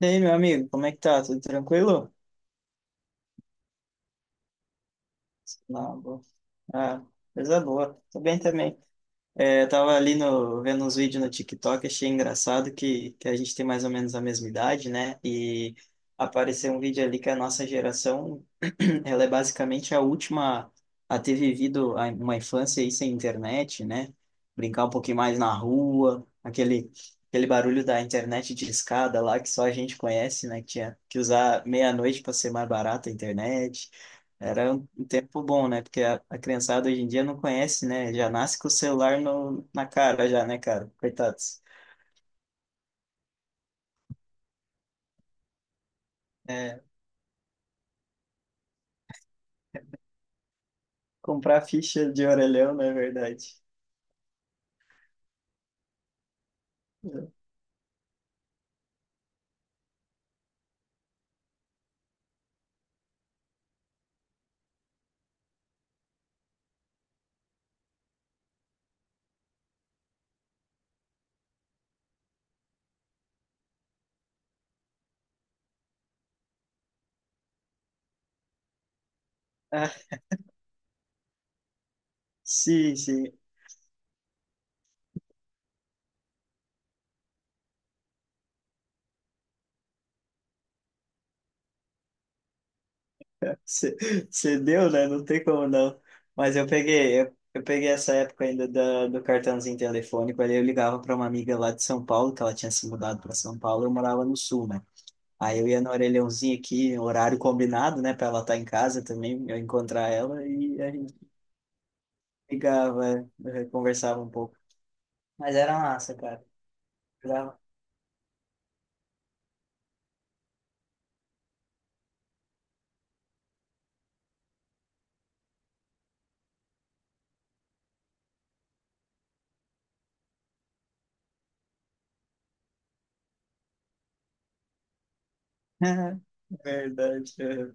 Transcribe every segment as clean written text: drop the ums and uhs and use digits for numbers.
E aí, meu amigo, como é que tá? Tudo tranquilo? Não, boa. Ah, coisa boa. Tô bem também. É, eu tava ali no, vendo uns vídeos no TikTok, achei engraçado que a gente tem mais ou menos a mesma idade, né? E apareceu um vídeo ali que a nossa geração, ela é basicamente a última a ter vivido uma infância aí sem internet, né? Brincar um pouquinho mais na rua, aquele barulho da internet de escada lá que só a gente conhece, né? Que tinha que usar meia-noite para ser mais barata a internet. Era um tempo bom, né? Porque a criançada hoje em dia não conhece, né? Já nasce com o celular no, na cara, já, né, cara? Coitados. É, comprar ficha de orelhão, não é verdade? É. Ah, sim, sim. Você você deu, né? Não tem como não. Mas eu peguei, eu peguei essa época ainda da, do cartãozinho telefônico. Aí eu ligava para uma amiga lá de São Paulo, que ela tinha se mudado para São Paulo, eu morava no Sul, né? Aí eu ia no orelhãozinho aqui, horário combinado, né? Para ela estar em casa também, eu encontrar ela e a gente ligava, conversava um pouco. Mas era massa, cara. Jogava. Verdade, é.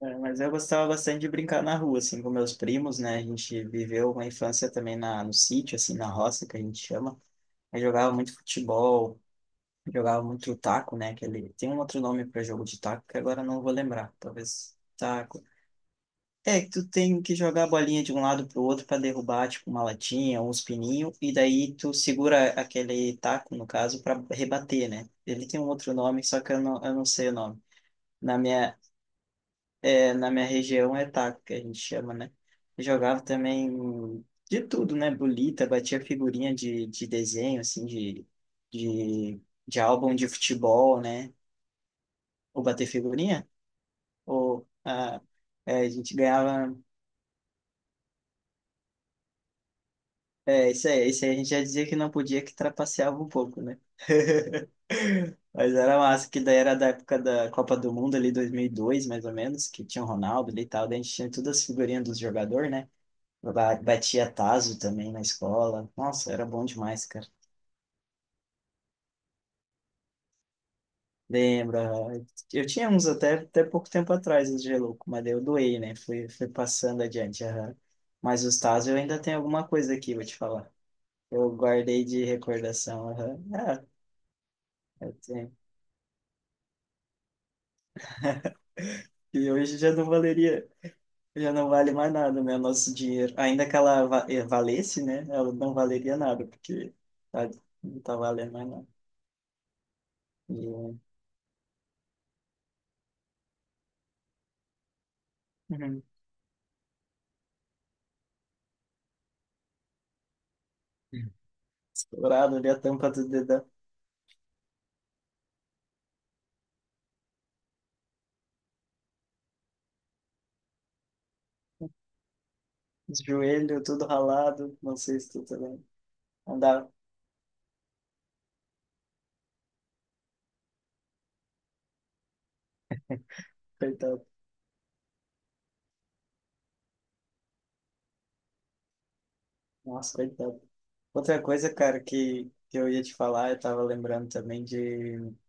É, mas eu gostava bastante de brincar na rua, assim, com meus primos, né? A gente viveu uma infância também na, no sítio, assim, na roça, que a gente chama. Aí jogava muito futebol, jogava muito taco, né? Aquele, tem um outro nome para jogo de taco que agora eu não vou lembrar. Talvez taco. É que tu tem que jogar a bolinha de um lado pro outro para derrubar, tipo, uma latinha, uns pininhos, e daí tu segura aquele taco, no caso, para rebater, né? Ele tem um outro nome, só que eu não sei o nome. Na minha, é, na minha região é taco, que a gente chama, né? Eu jogava também de tudo, né? Bolita, batia figurinha de desenho, assim, de, de álbum de futebol, né? Ou bater figurinha, ou... ah, é, a gente ganhava. É, isso aí a gente já dizia que não podia, que trapaceava um pouco, né? Mas era massa, que daí era da época da Copa do Mundo ali, 2002 mais ou menos, que tinha o Ronaldo ali e tal, daí a gente tinha todas as figurinhas dos jogadores, né? Batia tazo também na escola. Nossa, era bom demais, cara. Lembra? Eu tinha uns até, até pouco tempo atrás, os Gelouco, mas daí eu doei, né? Fui, fui passando adiante. Aham. Mas os tazos eu ainda tenho alguma coisa aqui, vou te falar. Eu guardei de recordação. Aham. Ah, eu tenho. E hoje já não valeria, já não vale mais nada, né? O nosso dinheiro. Ainda que ela valesse, né? Ela não valeria nada, porque tá- não tá valendo mais nada. E, uhum. Estourado ali a tampa do dedão, os joelhos tudo ralado, não sei se tu também. Andar, coitado. Nossa, coitado. Outra coisa, cara, que eu ia te falar, eu tava lembrando também de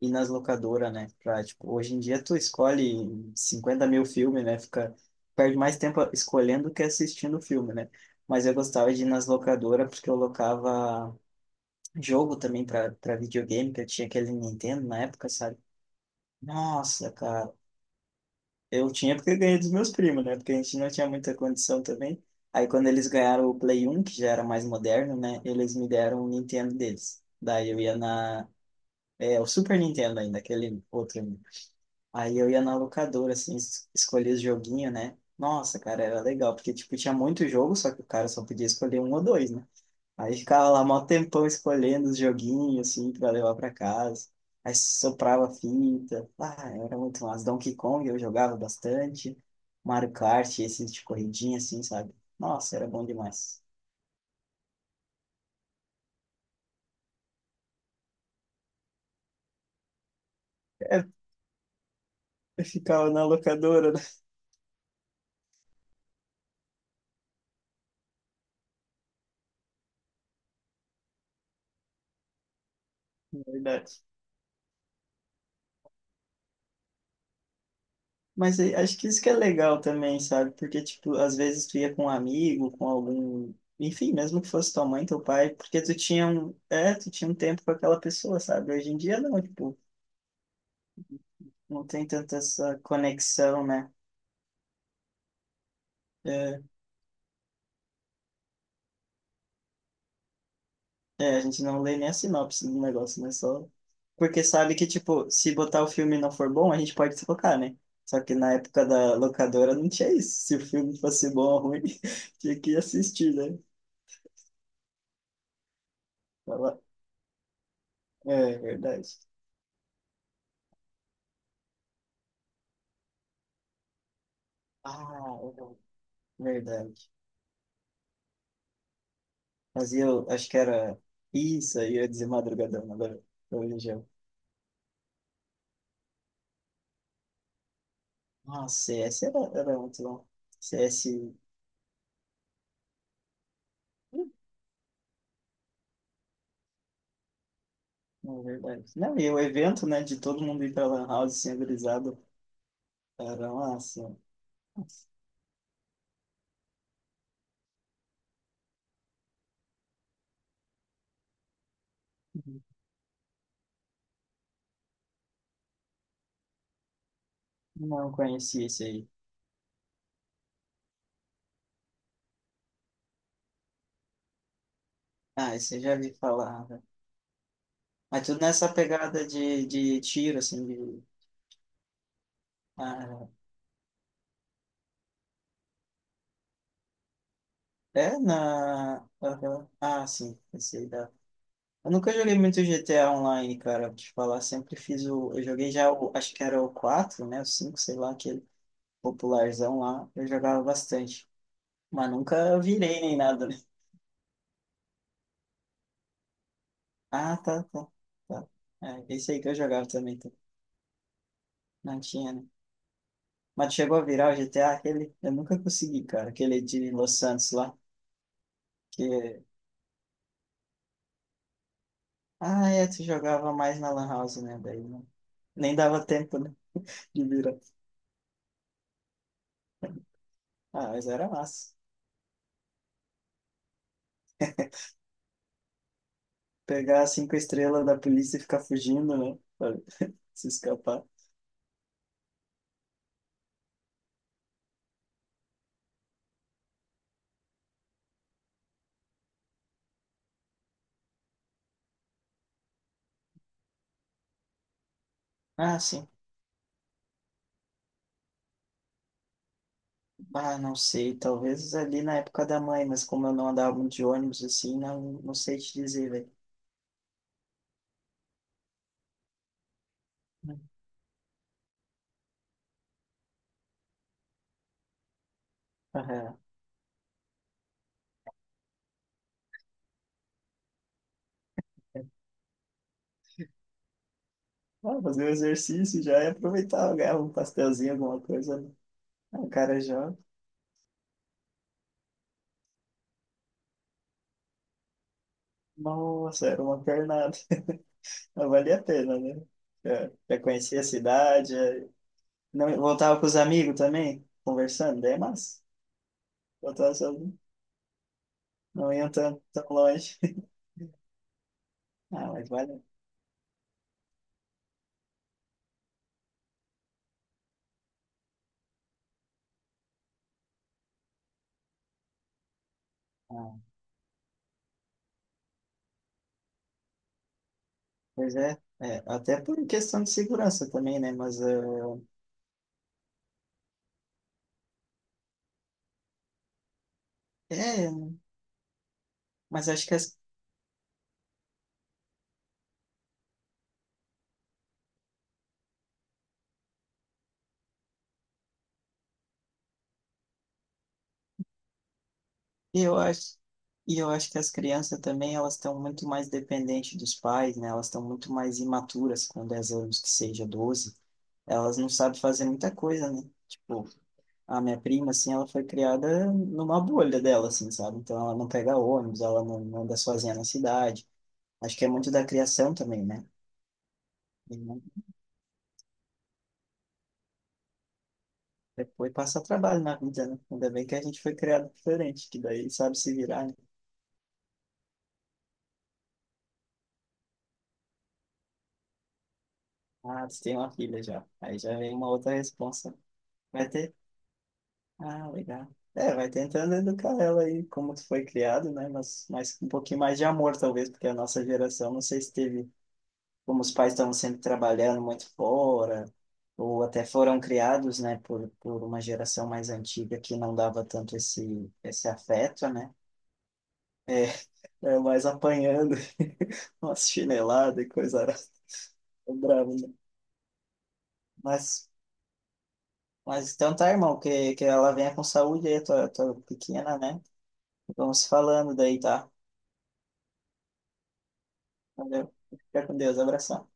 ir nas locadoras, né? Pra, tipo, hoje em dia tu escolhe 50 mil filmes, né? Fica, perde mais tempo escolhendo que assistindo o filme, né? Mas eu gostava de ir nas locadoras porque eu locava jogo também pra, pra videogame, que eu tinha aquele Nintendo na época, sabe? Nossa, cara. Eu tinha porque eu ganhei dos meus primos, né? Porque a gente não tinha muita condição também. Aí quando eles ganharam o Play 1, que já era mais moderno, né? Eles me deram o Nintendo deles. Daí eu ia na... É, o Super Nintendo ainda, aquele outro. Aí eu ia na locadora, assim, escolhia os joguinhos, né? Nossa, cara, era legal. Porque, tipo, tinha muito jogo, só que o cara só podia escolher um ou dois, né? Aí ficava lá mó tempão escolhendo os joguinhos, assim, pra levar pra casa. Aí soprava fita. Ah, era muito massa. Donkey Kong eu jogava bastante. Mario Kart, esses de corridinha, assim, sabe? Nossa, era bom demais. É, eu ficava na locadora, né? na verdade. Mas acho que isso que é legal também, sabe? Porque, tipo, às vezes tu ia com um amigo, com algum... Enfim, mesmo que fosse tua mãe, teu pai, porque tu tinha um... É, tu tinha um tempo com aquela pessoa, sabe? Hoje em dia, não, tipo... Não tem tanta essa conexão, né? É, é, a gente não lê nem a sinopse do negócio, né? Só porque sabe que, tipo, se botar o filme e não for bom, a gente pode trocar, né? Só que na época da locadora não tinha isso. Se o filme fosse bom ou ruim, tinha que assistir, né? Fala- é, verdade. Ah, é verdade. Mas eu acho que era isso, aí eu ia dizer madrugadão agora. Religião. Nossa, CS era muito bom. CS. É verdade. Não, e o evento, né, de todo mundo ir pra Lan House sem brisado, era massa. Nossa. Uhum. Não conheci esse aí. Ah, esse eu já vi falar, né? Mas tudo nessa pegada de tiro, assim, de... Ah, é na... aham. Ah, sim, esse aí dá. Eu nunca joguei muito GTA Online, cara, pra te falar. Sempre fiz o... Eu joguei já o... Acho que era o 4 né, o 5 sei lá, aquele popularzão lá. Eu jogava bastante. Mas nunca virei nem nada, né? Ah, tá, tá, tá. É, esse aí que eu jogava também, tá? Não tinha, né? Mas chegou a virar o GTA, aquele... Eu nunca consegui, cara, aquele de Los Santos lá, que... Ah, é, tu jogava mais na Lan House, né? Daí não... nem dava tempo, né, de virar. Ah, mas era massa. Pegar as cinco estrelas da polícia e ficar fugindo, né? Pra se escapar. Ah, sim. Ah, não sei, talvez ali na época da mãe, mas como eu não andava muito de ônibus, assim, não, não sei te dizer, velho. Aham. Ah, fazer um exercício já e aproveitar, ganhar um pastelzinho, alguma coisa, né? Ah, o cara já, nossa, era uma pernada. Mas valia a pena, né? Já, já conhecia a cidade, já- não, voltava com os amigos também, conversando, daí é massa. Voltava sozinho, não iam tão, tão longe. Ah, mas vale. Ah, pois é. É, até por questão de segurança também, né? Mas, é, mas acho que as... E eu acho, e eu acho que as crianças também, elas estão muito mais dependentes dos pais, né? Elas estão muito mais imaturas com 10 anos, que seja doze. Elas não sabem fazer muita coisa, né? Tipo, a minha prima, assim, ela foi criada numa bolha dela, assim, sabe? Então ela não pega ônibus, ela não anda sozinha na cidade. Acho que é muito da criação também, né? E não- depois passa trabalho na vida, né? Ainda bem que a gente foi criado diferente, que daí sabe se virar, né? Ah, você tem uma filha já. Aí já vem uma outra responsa. Vai ter. Ah, legal. É, vai tentando educar ela aí como tu foi criado, né? Mas com um pouquinho mais de amor, talvez, porque a nossa geração, não sei se teve, como os pais estavam sempre trabalhando muito fora, ou até foram criados, né, por uma geração mais antiga que não dava tanto esse afeto, né? É, é mais apanhando, umas chineladas e coisa arada. É bravo, né? Mas, mas então tá, irmão, que ela venha com saúde aí, tua pequena, né? Vamos falando daí, tá? Valeu. Fica com Deus. Abração.